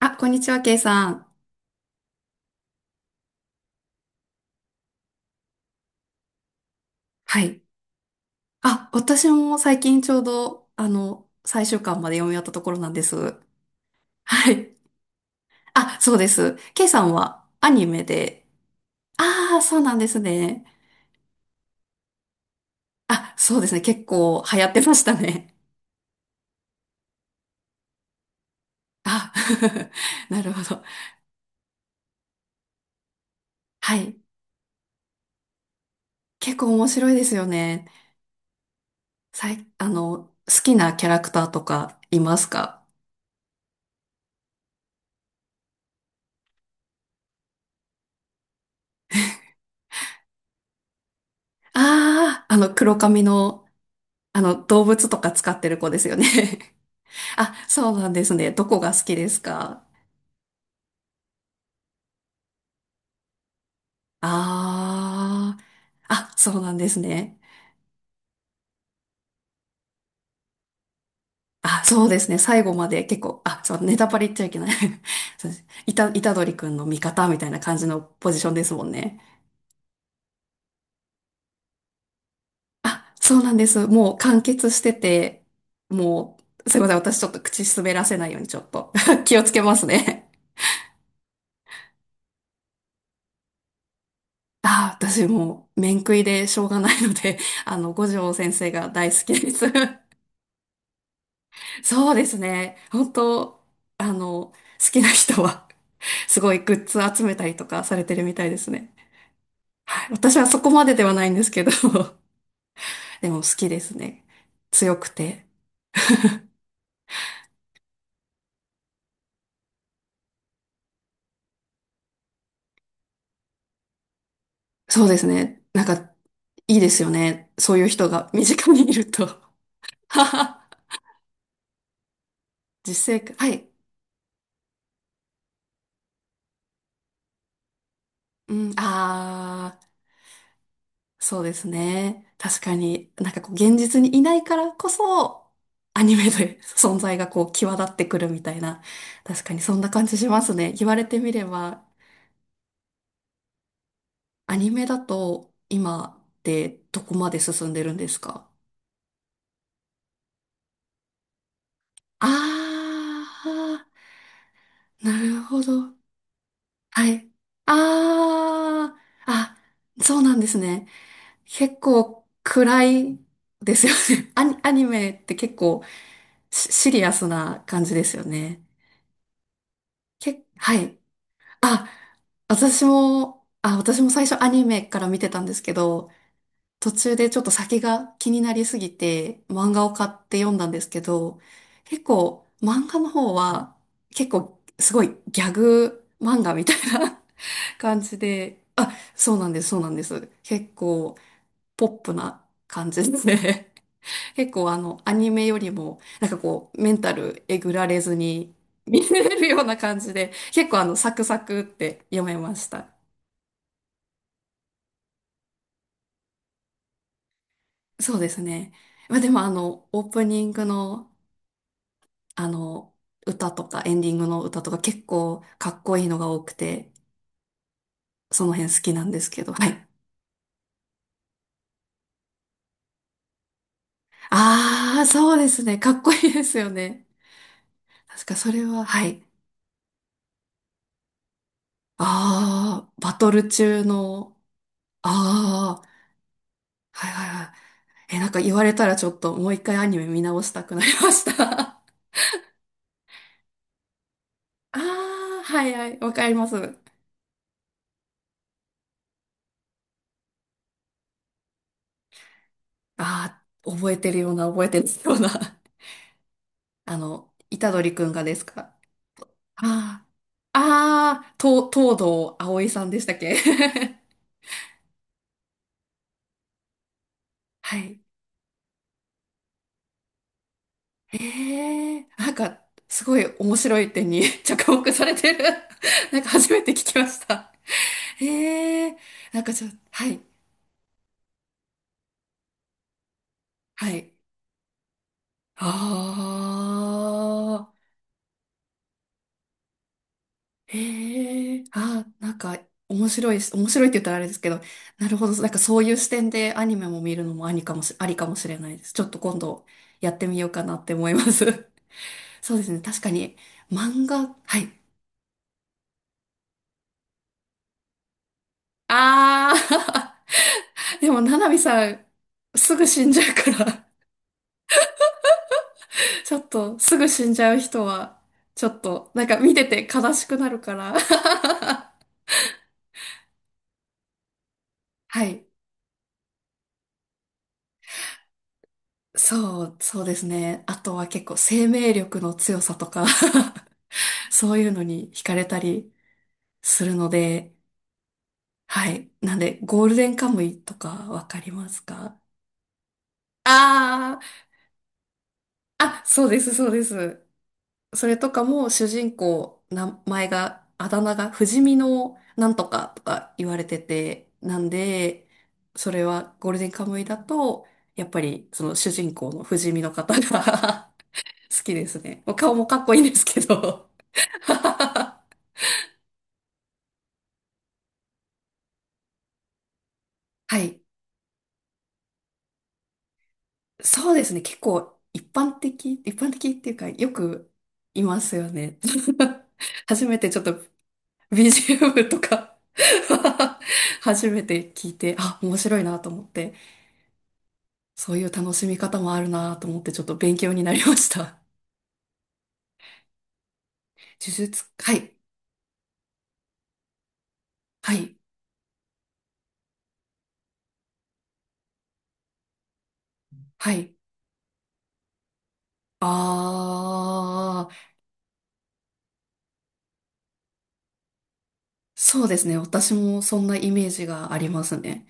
あ、こんにちは、ケイさん。はい。あ、私も最近ちょうど、あの、最終巻まで読み終わったところなんです。はい。あ、そうです。ケイさんはアニメで。ああ、そうなんですね。あ、そうですね。結構流行ってましたね。あ、なるほど。はい。結構面白いですよね。あの、好きなキャラクターとかいますか？ああー、あの、黒髪の、あの、動物とか使ってる子ですよね。あ、そうなんですね。どこが好きですか？ああー。あ、そうなんですね。あ、そうですね。最後まで結構、あ、そう、ネタバレ言っちゃいけない。 そうです。いたくんの味方みたいな感じのポジションですもんね。あ、そうなんです。もう完結してて、もう、すいません。私ちょっと口滑らせないようにちょっと 気をつけますね。あ、私もう、面食いでしょうがないので、あの、五条先生が大好きです。そうですね。本当、あの、好きな人は すごいグッズ集めたりとかされてるみたいですね。はい。私はそこまでではないんですけど。 でも好きですね。強くて。そうですね。なんか、いいですよね。そういう人が身近にいると。 実生活、はい。うん、あ、そうですね。確かに、なんかこう、現実にいないからこそ、アニメで 存在がこう、際立ってくるみたいな。確かにそんな感じしますね。言われてみれば、アニメだと、今ってどこまで進んでるんですか？あー、なるほど。はい。あー、あ、そうなんですね。結構暗いですよね。アニメって結構シシリアスな感じですよね。はい。あ、あ、私も最初アニメから見てたんですけど、途中でちょっと先が気になりすぎて漫画を買って読んだんですけど、結構漫画の方は結構すごいギャグ漫画みたいな 感じで、あ、そうなんです、そうなんです。結構ポップな感じですね。結構あの、アニメよりも、なんかこう、メンタルえぐられずに見れるような感じで、結構サクサクって読めました。そうですね。まあでもあの、オープニングの、あの、歌とかエンディングの歌とか結構かっこいいのが多くて、その辺好きなんですけど、はい。ああ、そうですね。かっこいいですよね。確かそれは、はい。ああ、バトル中の、ああ、はいはいはい。え、なんか言われたらちょっともう一回アニメ見直したくなりました。ああ、はいはい、わかります。ああ、覚えてるような、覚えてるような。あの、虎杖くんがですか？ああ、ああ、と、東堂葵さんでしたっけ。 はい。ええ、なんか、すごい面白い点に 着目されてる。なんか初めて聞きました。ええ、なんかちょっと、はい、はい。ああ。へえ、あ、なんか面白いし、面白いって言ったらあれですけど、なるほど、なんかそういう視点でアニメも見るのもありかもしれないです。ちょっと今度やってみようかなって思います。そうですね、確かに漫画、はい。あー、でも、ななみさん、すぐ死んじゃうから、ちょっと、すぐ死んじゃう人は、ちょっと、なんか見てて悲しくなるから。はい。そうですね。あとは結構生命力の強さとか そういうのに惹かれたりするので、はい。なんで、ゴールデンカムイとかわかりますか？ああー、あ、そうです、そうです。それとかも主人公、名前が、あだ名が不死身のなんとかとか言われてて、なんで、それはゴールデンカムイだと、やっぱりその主人公の不死身の方が 好きですね。もう顔もかっこいいんですけど。 はい。そうですね。結構一般的、一般的っていうか、よくいますよね。初めてちょっと BGM とか 初めて聞いて、あ、面白いなと思って、そういう楽しみ方もあるなと思って、ちょっと勉強になりました。呪術、はい、はい、はい。あー、そうですね。私もそんなイメージがありますね。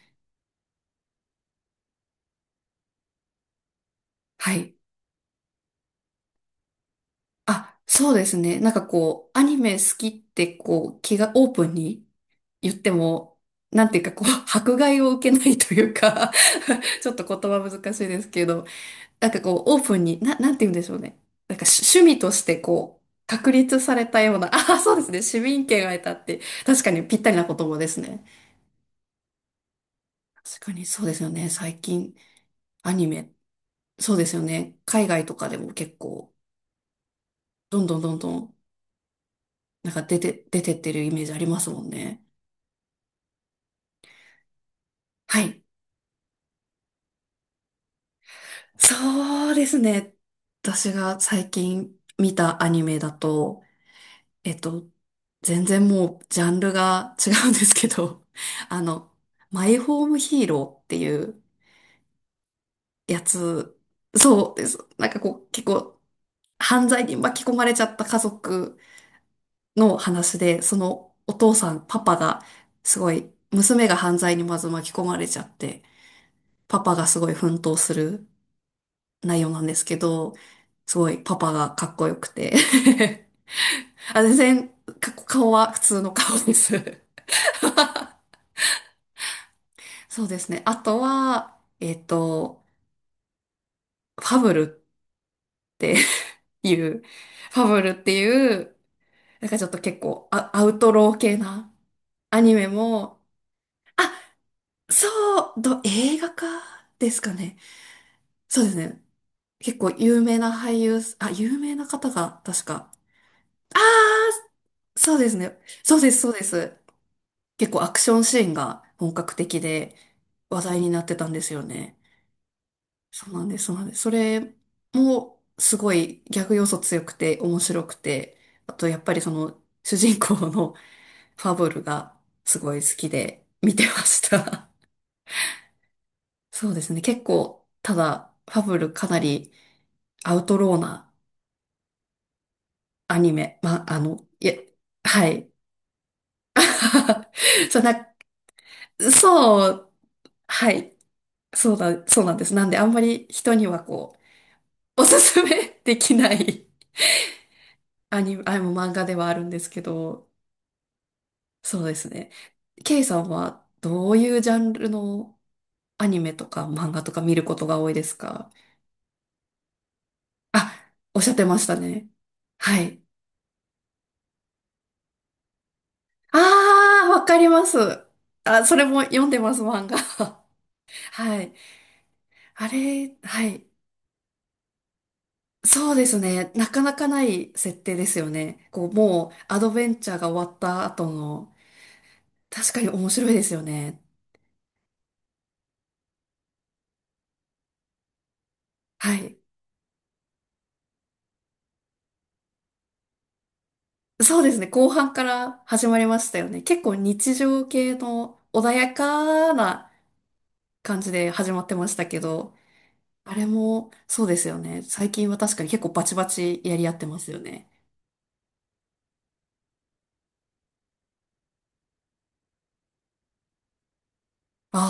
はい。あ、そうですね。なんかこう、アニメ好きってこう、気がオープンに言っても、なんていうかこう、迫害を受けないというか。 ちょっと言葉難しいですけど、なんかこう、オープンに、なんて言うんでしょうね。なんか趣味としてこう、確立されたような、ああ、そうですね。市民権が得たって、確かにぴったりな言葉ですね。確かにそうですよね。最近、アニメ、そうですよね。海外とかでも結構、どんどんどんどん、なんか出てってるイメージありますもんね。はい。そうですね。私が最近見たアニメだと、えっと、全然もうジャンルが違うんですけど、あの、マイホームヒーローっていうやつ、そうです。なんかこう、結構犯罪に巻き込まれちゃった家族の話で、そのお父さん、パパが、すごい、娘が犯罪にまず巻き込まれちゃって、パパがすごい奮闘する内容なんですけど、すごいパパがかっこよくて あ、全然、顔は普通の顔です。 そうですね。あとは、ファブルっていう、ファブルっていう、なんかちょっと結構アウトロー系なアニメも、あ、そう、映画化ですかね。そうですね。結構有名な俳優、あ、有名な方が確か。そうですね。そうです、そうです。結構アクションシーンが本格的で話題になってたんですよね。そうなんです、そうなんです。それもすごいギャグ要素強くて面白くて、あとやっぱりその主人公の ファブルがすごい好きで見てました。そうですね。結構、ただファブルかなりアウトローなアニメ。まあ、あの、いや、はい。そうな、そう、はい。そうだ、そうなんです。なんであんまり人にはこう、おすすめできない アニメ、あ、もう漫画ではあるんですけど、そうですね。ケイさんはどういうジャンルのアニメとか漫画とか見ることが多いですか？あ、おっしゃってましたね。はい。ああ、わかります。あ、それも読んでます、漫画。はい。あれ、はい。そうですね。なかなかない設定ですよね。こう、もう、アドベンチャーが終わった後の、確かに面白いですよね。はい。そうですね。後半から始まりましたよね。結構日常系の穏やかな感じで始まってましたけど、あれもそうですよね。最近は確かに結構バチバチやり合ってますよね。あ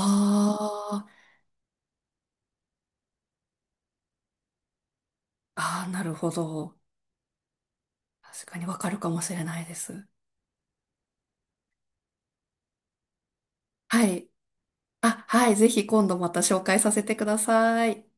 ー、あー、なるほど。確かにわかるかもしれないです。はい。あ、はい。ぜひ今度また紹介させてください。